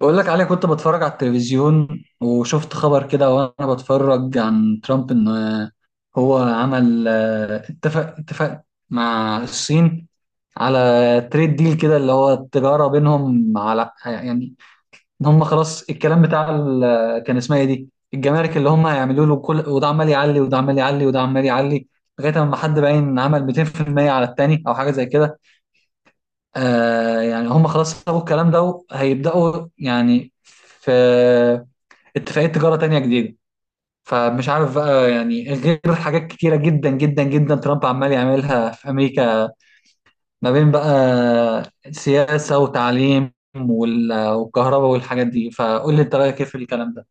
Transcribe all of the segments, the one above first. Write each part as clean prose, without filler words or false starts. بقول لك عليه، كنت بتفرج على التلفزيون وشفت خبر كده وانا بتفرج عن ترامب ان هو عمل اتفق مع الصين على تريد ديل كده اللي هو التجارة بينهم، على يعني ان هم خلاص الكلام بتاع كان اسمها ايه دي، الجمارك اللي هم هيعملوا له، كل وده عمال يعلي وده عمال يعلي وده عمال يعلي لغاية ما حد باين عمل 200% على التاني او حاجة زي كده. آه يعني هم خلاص سابوا الكلام ده وهيبدأوا يعني في اتفاقية تجارة تانية جديدة. فمش عارف بقى يعني غير حاجات كتيرة جدا جدا جدا ترامب عمال يعملها في أمريكا، ما بين بقى سياسة وتعليم والكهرباء والحاجات دي. فقول لي انت رأيك ايه في الكلام ده.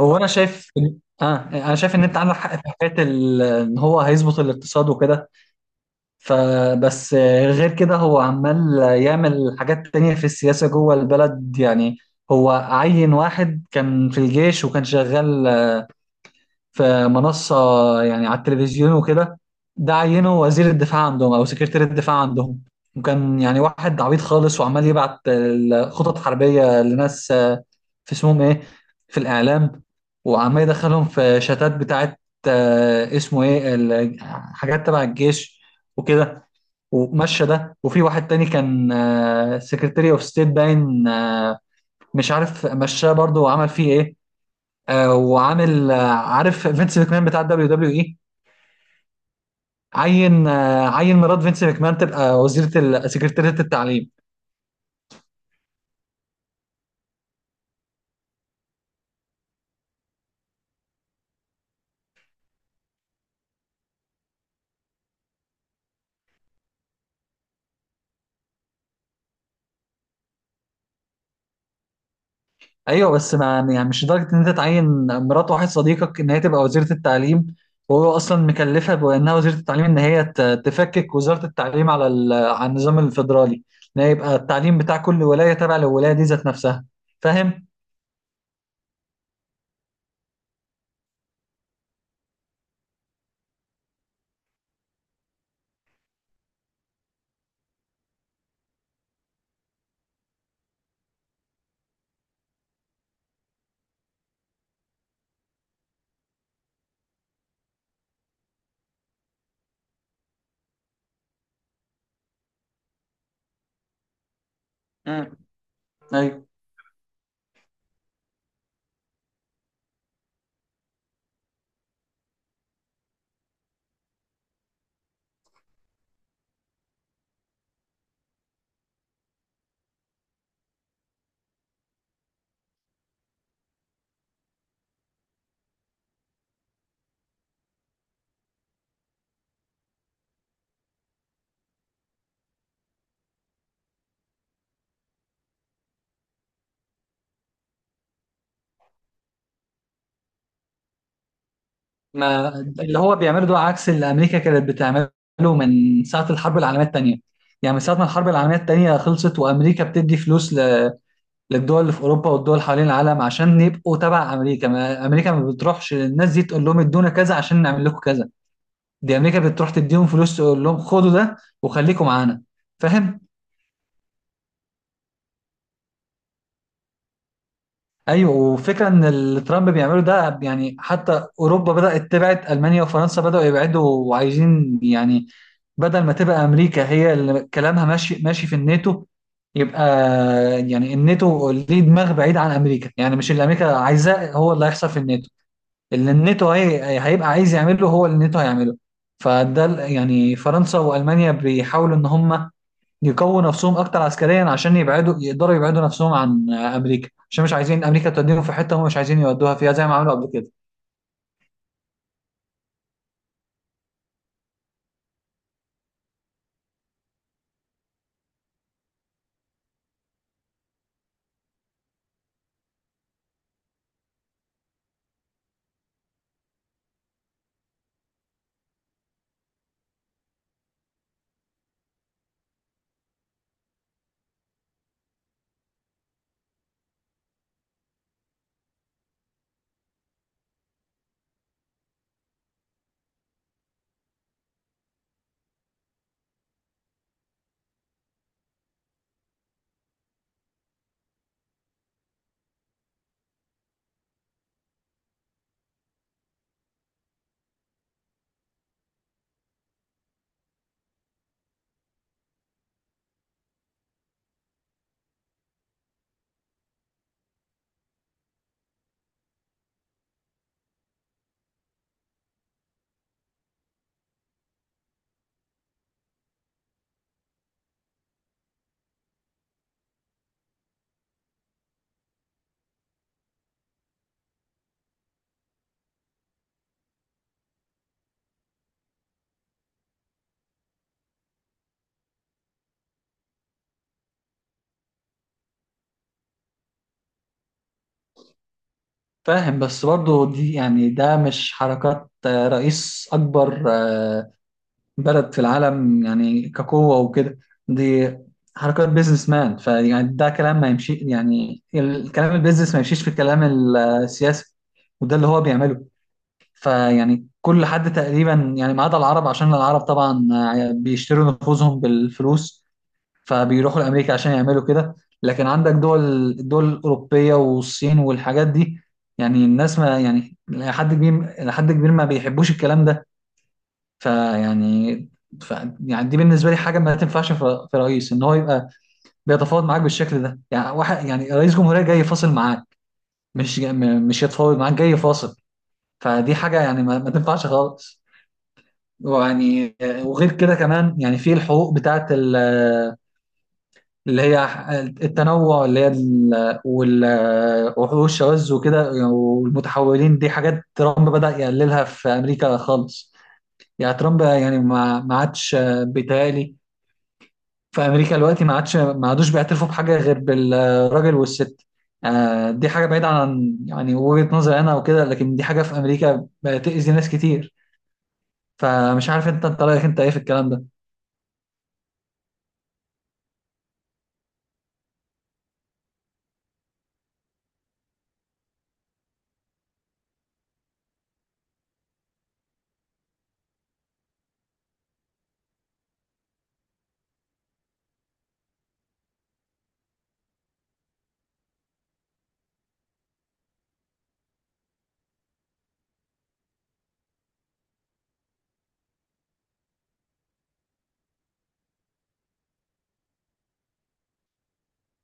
هو انا شايف اه انا شايف ان انت عندك حق في حكاية ان هو هيظبط الاقتصاد وكده. فبس غير كده هو عمال يعمل حاجات تانية في السياسة جوه البلد. يعني هو عين واحد كان في الجيش وكان شغال في منصة يعني على التلفزيون وكده، ده عينه وزير الدفاع عندهم أو سكرتير الدفاع عندهم، وكان يعني واحد عبيط خالص وعمال يبعت خطط حربية لناس في اسمهم ايه، في الإعلام، وعمال يدخلهم في شتات بتاعت اسمه ايه حاجات تبع الجيش وكده، ومشى ده. وفي واحد تاني كان سكرتيري اوف ستيت باين مش عارف مشاه برضه وعمل فيه ايه. وعامل عارف فينس ماكمان بتاع الدبليو دبليو اي، عين عين مرات فينس ماكمان تبقى وزيرة سكرتيرية التعليم. ايوه بس ما يعني مش لدرجة ان انت تعين مرات واحد صديقك ان هي تبقى وزيرة التعليم، وهو اصلا مكلفها بانها وزيرة التعليم ان هي تفكك وزارة التعليم على على النظام الفيدرالي، ان هي يبقى التعليم بتاع كل ولاية تابع للولاية دي ذات نفسها. فاهم. امم. ايوه، ما اللي هو بيعمله ده عكس اللي امريكا كانت بتعمله من ساعه الحرب العالميه الثانيه. يعني من ساعه ما الحرب العالميه الثانيه خلصت وامريكا بتدي فلوس للدول اللي في اوروبا والدول حوالين العالم عشان يبقوا تبع امريكا، ما امريكا ما بتروحش للناس دي تقول لهم ادونا كذا عشان نعمل لكم كذا، دي امريكا بتروح تديهم فلوس تقول لهم خدوا ده وخليكم معانا. فاهم. ايوه، وفكره ان اللي ترامب بيعمله ده يعني حتى اوروبا بدات تبعد، المانيا وفرنسا بداوا يبعدوا وعايزين يعني بدل ما تبقى امريكا هي اللي كلامها ماشي ماشي في الناتو، يبقى يعني الناتو ليه دماغ بعيد عن امريكا، يعني مش اللي امريكا عايزاه هو اللي هيحصل في الناتو، اللي الناتو هي هيبقى عايز يعمله هو اللي الناتو هيعمله. يعني فرنسا والمانيا بيحاولوا ان هم يقووا نفسهم اكتر عسكريا عشان يبعدوا، يقدروا يبعدوا نفسهم عن امريكا، عشان مش عايزين امريكا توديهم في حته هم مش عايزين يودوها فيها زي ما عملوا قبل كده. فاهم. بس برضه دي يعني ده مش حركات رئيس اكبر بلد في العالم يعني كقوه وكده، دي حركات بيزنس مان. فيعني ده كلام ما يمشي، يعني الكلام البيزنس ما يمشيش في الكلام السياسي، وده اللي هو بيعمله. فيعني كل حد تقريبا يعني ما عدا العرب، عشان العرب طبعا بيشتروا نفوذهم بالفلوس فبيروحوا لامريكا عشان يعملوا كده، لكن عندك دول، الدول الاوروبيه والصين والحاجات دي، يعني الناس ما يعني لحد كبير ما بيحبوش الكلام ده. فيعني ف يعني دي بالنسبه لي حاجه ما تنفعش، في رئيس ان هو يبقى بيتفاوض معاك بالشكل ده، يعني واحد يعني رئيس جمهوريه جاي يفاصل معاك، مش جا- م- مش يتفاوض معاك جاي يفاصل. فدي حاجه يعني ما تنفعش خالص. ويعني وغير كده كمان يعني في الحقوق بتاعت اللي هي التنوع، اللي هي وحوش الشواذ وكده والمتحولين، دي حاجات ترامب بدأ يقللها في أمريكا خالص. يعني ترامب يعني ما عادش، بيتهيألي في أمريكا دلوقتي ما عادوش بيعترفوا بحاجة غير بالراجل والست. دي حاجة بعيدة عن يعني وجهة نظري أنا وكده، لكن دي حاجة في أمريكا بتأذي ناس كتير. فمش عارف أنت رأيك أنت إيه في الكلام ده.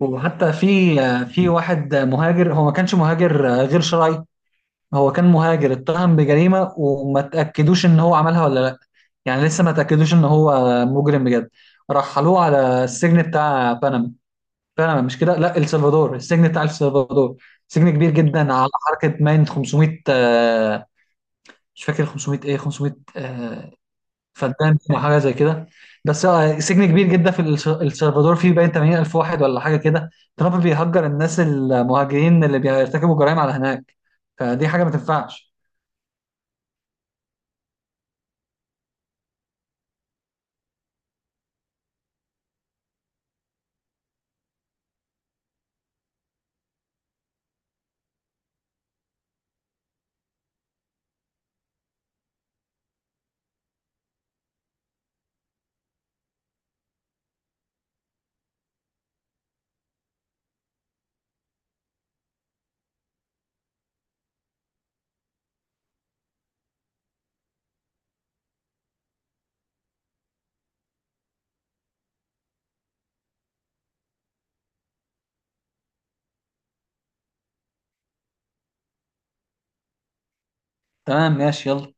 وحتى في في واحد مهاجر هو ما كانش مهاجر غير شرعي، هو كان مهاجر اتهم بجريمة وما تأكدوش ان هو عملها ولا لا، يعني لسه ما تأكدوش ان هو مجرم بجد، رحلوه على السجن بتاع بنما. بنما مش كده، لا، السلفادور، السجن بتاع السلفادور، سجن كبير جدا على حركة ماين 500 مش فاكر 500 ايه، 500 فدان او حاجة زي كده. بس آه، سجن كبير جدا في السلفادور فيه باين 80,000 واحد ولا حاجة كده. ترامب بيهجر الناس المهاجرين اللي بيرتكبوا جرائم على هناك، فدي حاجة ما تنفعش. تمام ماشي يلا.